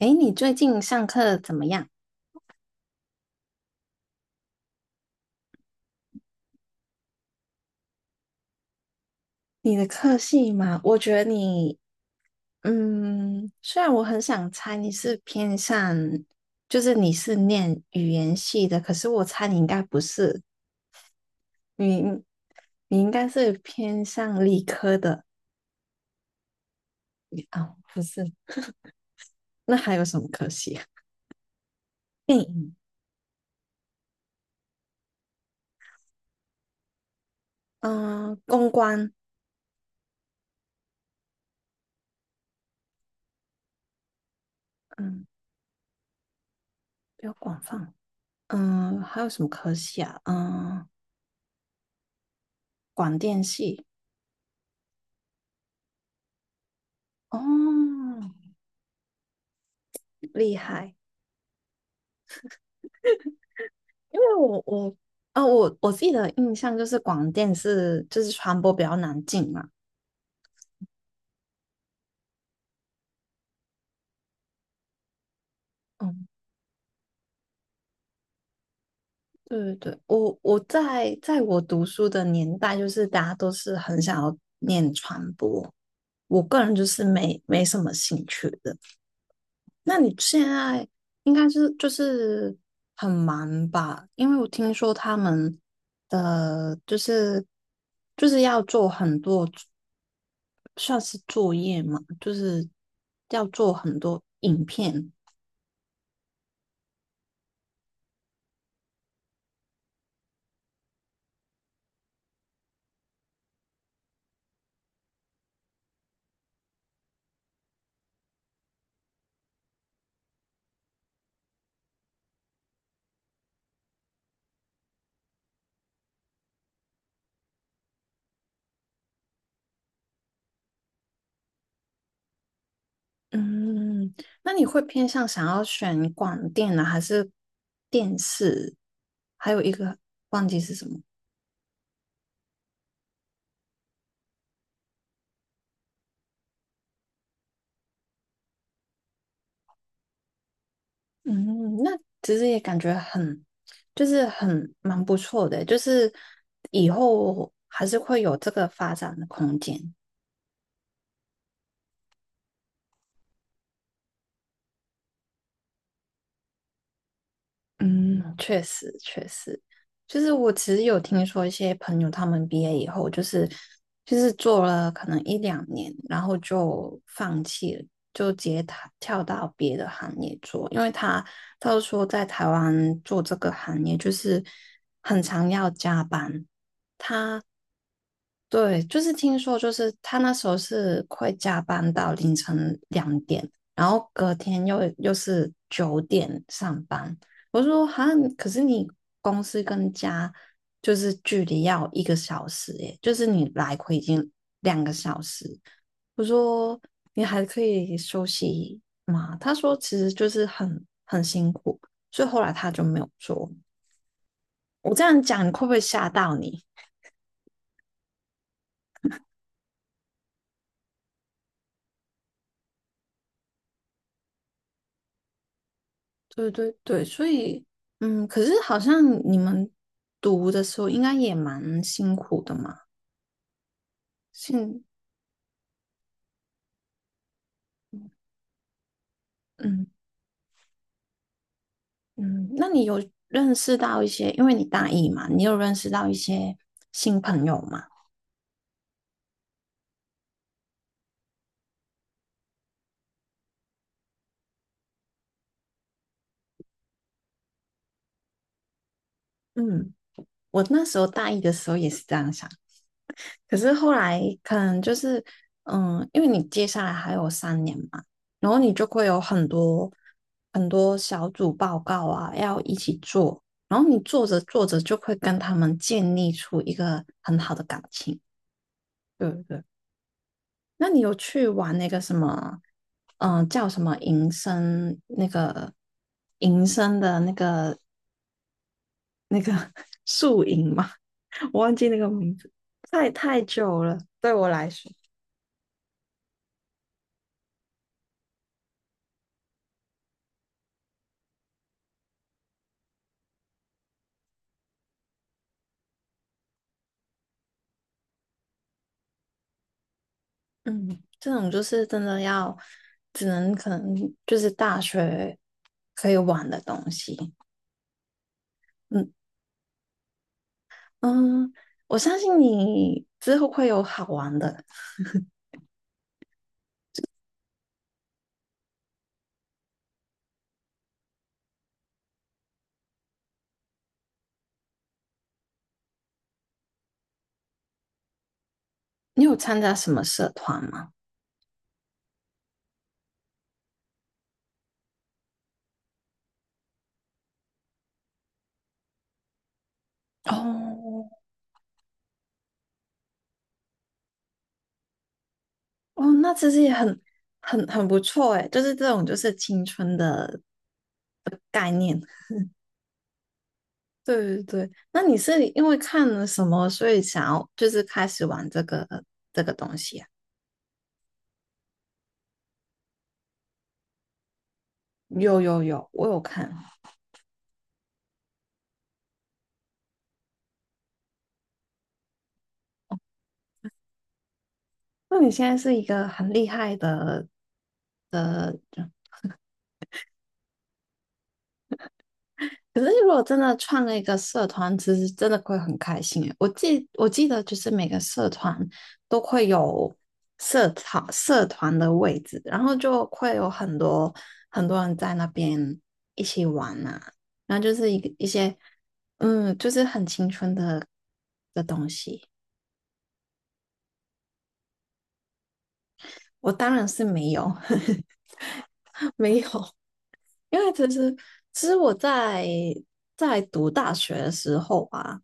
诶，你最近上课怎么样？你的科系嘛，我觉得你，虽然我很想猜你是偏向，就是你是念语言系的，可是我猜你应该不是，你你应该是偏向理科的。啊，不是？那还有什么科系啊，电影，嗯、公关，嗯，比较广泛。还有什么科系啊？嗯、广电系，哦，厉害。因为我我啊我我自己的印象就是广电是就是传播比较难进嘛。嗯，对对对，我在我读书的年代，就是大家都是很想要念传播，我个人就是没什么兴趣的。那你现在应该是就是很忙吧？因为我听说他们的就是要做很多，算是作业嘛，就是要做很多影片。嗯，那你会偏向想要选广电呢，还是电视？还有一个忘记是什么。嗯，那其实也感觉很，就是很蛮不错的欸，就是以后还是会有这个发展的空间。嗯，确实确实，就是我其实有听说一些朋友他们毕业以后，就是做了可能一两年，然后就放弃了，就直接跳到别的行业做，因为他就说在台湾做这个行业就是很常要加班。他对，就是听说，就是他那时候是会加班到凌晨2点，然后隔天又是9点上班。我说哈，可是你公司跟家就是距离要1个小时耶，就是你来回已经2个小时。我说你还可以休息吗？他说其实就是很辛苦，所以后来他就没有做。我这样讲，你会不会吓到你？对对对，所以，可是好像你们读的时候应该也蛮辛苦的嘛。辛，嗯嗯，那你有认识到一些，因为你大一嘛，你有认识到一些新朋友吗？嗯，我那时候大一的时候也是这样想，可是后来可能就是，因为你接下来还有3年嘛，然后你就会有很多很多小组报告啊，要一起做，然后你做着做着就会跟他们建立出一个很好的感情，对不对？那你有去玩那个什么，叫什么营生那个营生的那个 宿营吗？我忘记那个名字，太久了，对我来说。嗯，这种就是真的要，只能可能就是大学可以玩的东西。嗯嗯，我相信你之后会有好玩的。你有参加什么社团吗？哦哦，那其实也很不错诶，就是这种就是青春的。对对对，那你是因为看了什么，所以想要就是开始玩这个东西啊？有有有，我有看。那你现在是一个很厉害的。可是如果真的创了一个社团，其实真的会很开心诶。我记得就是每个社团都会有社团的位置，然后就会有很多很多人在那边一起玩呐。然后就是一个一些，就是很青春的东西。我当然是没有，没有，因为其实我在读大学的时候啊，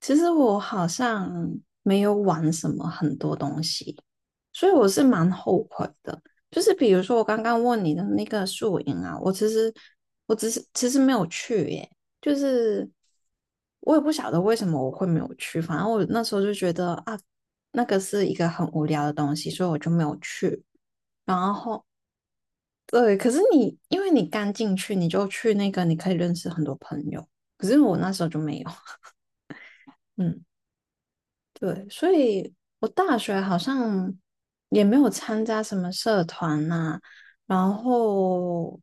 其实我好像没有玩什么很多东西，所以我是蛮后悔的。就是比如说我刚刚问你的那个宿营啊，我只是其实没有去耶，就是我也不晓得为什么我会没有去，反正我那时候就觉得啊，那个是一个很无聊的东西，所以我就没有去。然后对，可是你因为你刚进去，你就去那个，你可以认识很多朋友。可是我那时候就没有，嗯，对，所以我大学好像也没有参加什么社团呐、然后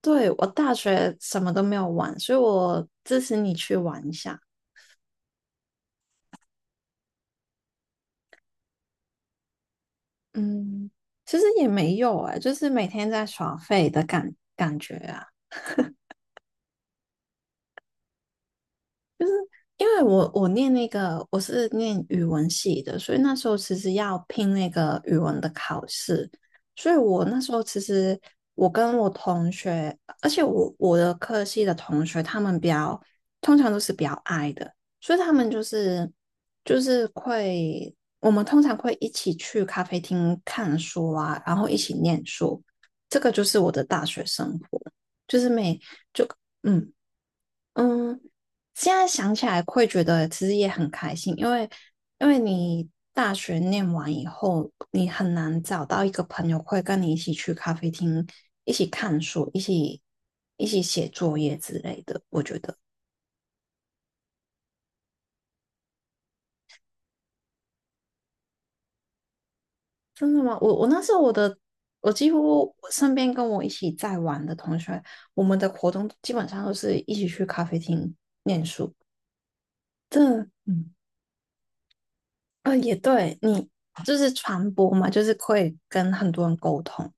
对我大学什么都没有玩，所以我支持你去玩一下。嗯，其实也没有哎、就是每天在耍废的感觉啊。因为我是念语文系的，所以那时候其实要拼那个语文的考试，所以我那时候其实我跟我同学，而且我的科系的同学，他们通常都是比较矮的，所以他们就是就是会我们通常会一起去咖啡厅看书啊，然后一起念书，这个就是我的大学生活，就是每就嗯。嗯，现在想起来会觉得其实也很开心，因为你大学念完以后，你很难找到一个朋友会跟你一起去咖啡厅，一起看书，一起写作业之类的。我觉得真的吗？我那时候我的我几乎我身边跟我一起在玩的同学，我们的活动基本上都是一起去咖啡厅念书，这嗯，啊、也对，你就是传播嘛，就是会跟很多人沟通，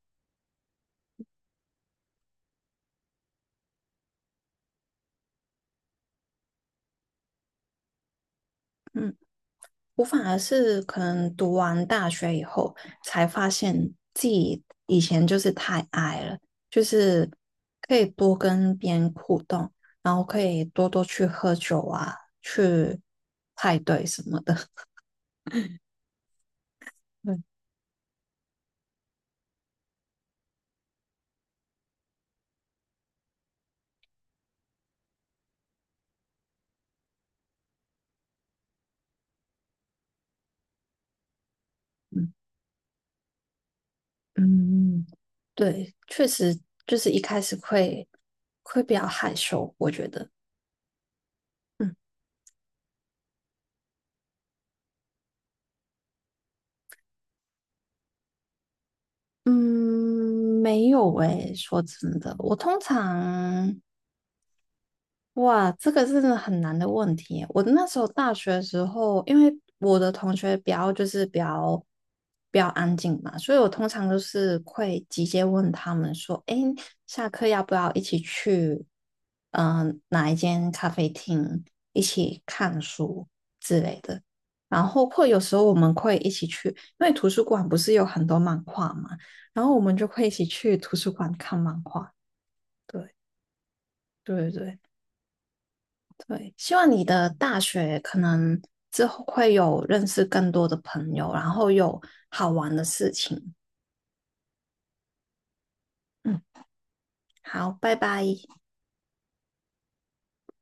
嗯，我反而是可能读完大学以后，才发现自己以前就是太矮了，就是可以多跟别人互动，然后可以多多去喝酒啊，去派对什么的。对，嗯，嗯，对，确实就是一开始会比较害羞，我觉得。嗯嗯，没有诶，说真的，我通常哇，这个真的很难的问题耶我那时候大学的时候，因为我的同学比较就是比较安静嘛，所以我通常都是会直接问他们说："诶，下课要不要一起去哪一间咖啡厅一起看书之类的？"然后或有时候我们会一起去，因为图书馆不是有很多漫画嘛，然后我们就会一起去图书馆看漫画。对对对。对，希望你的大学可能之后会有认识更多的朋友，然后有好玩的事情。嗯，好，拜拜。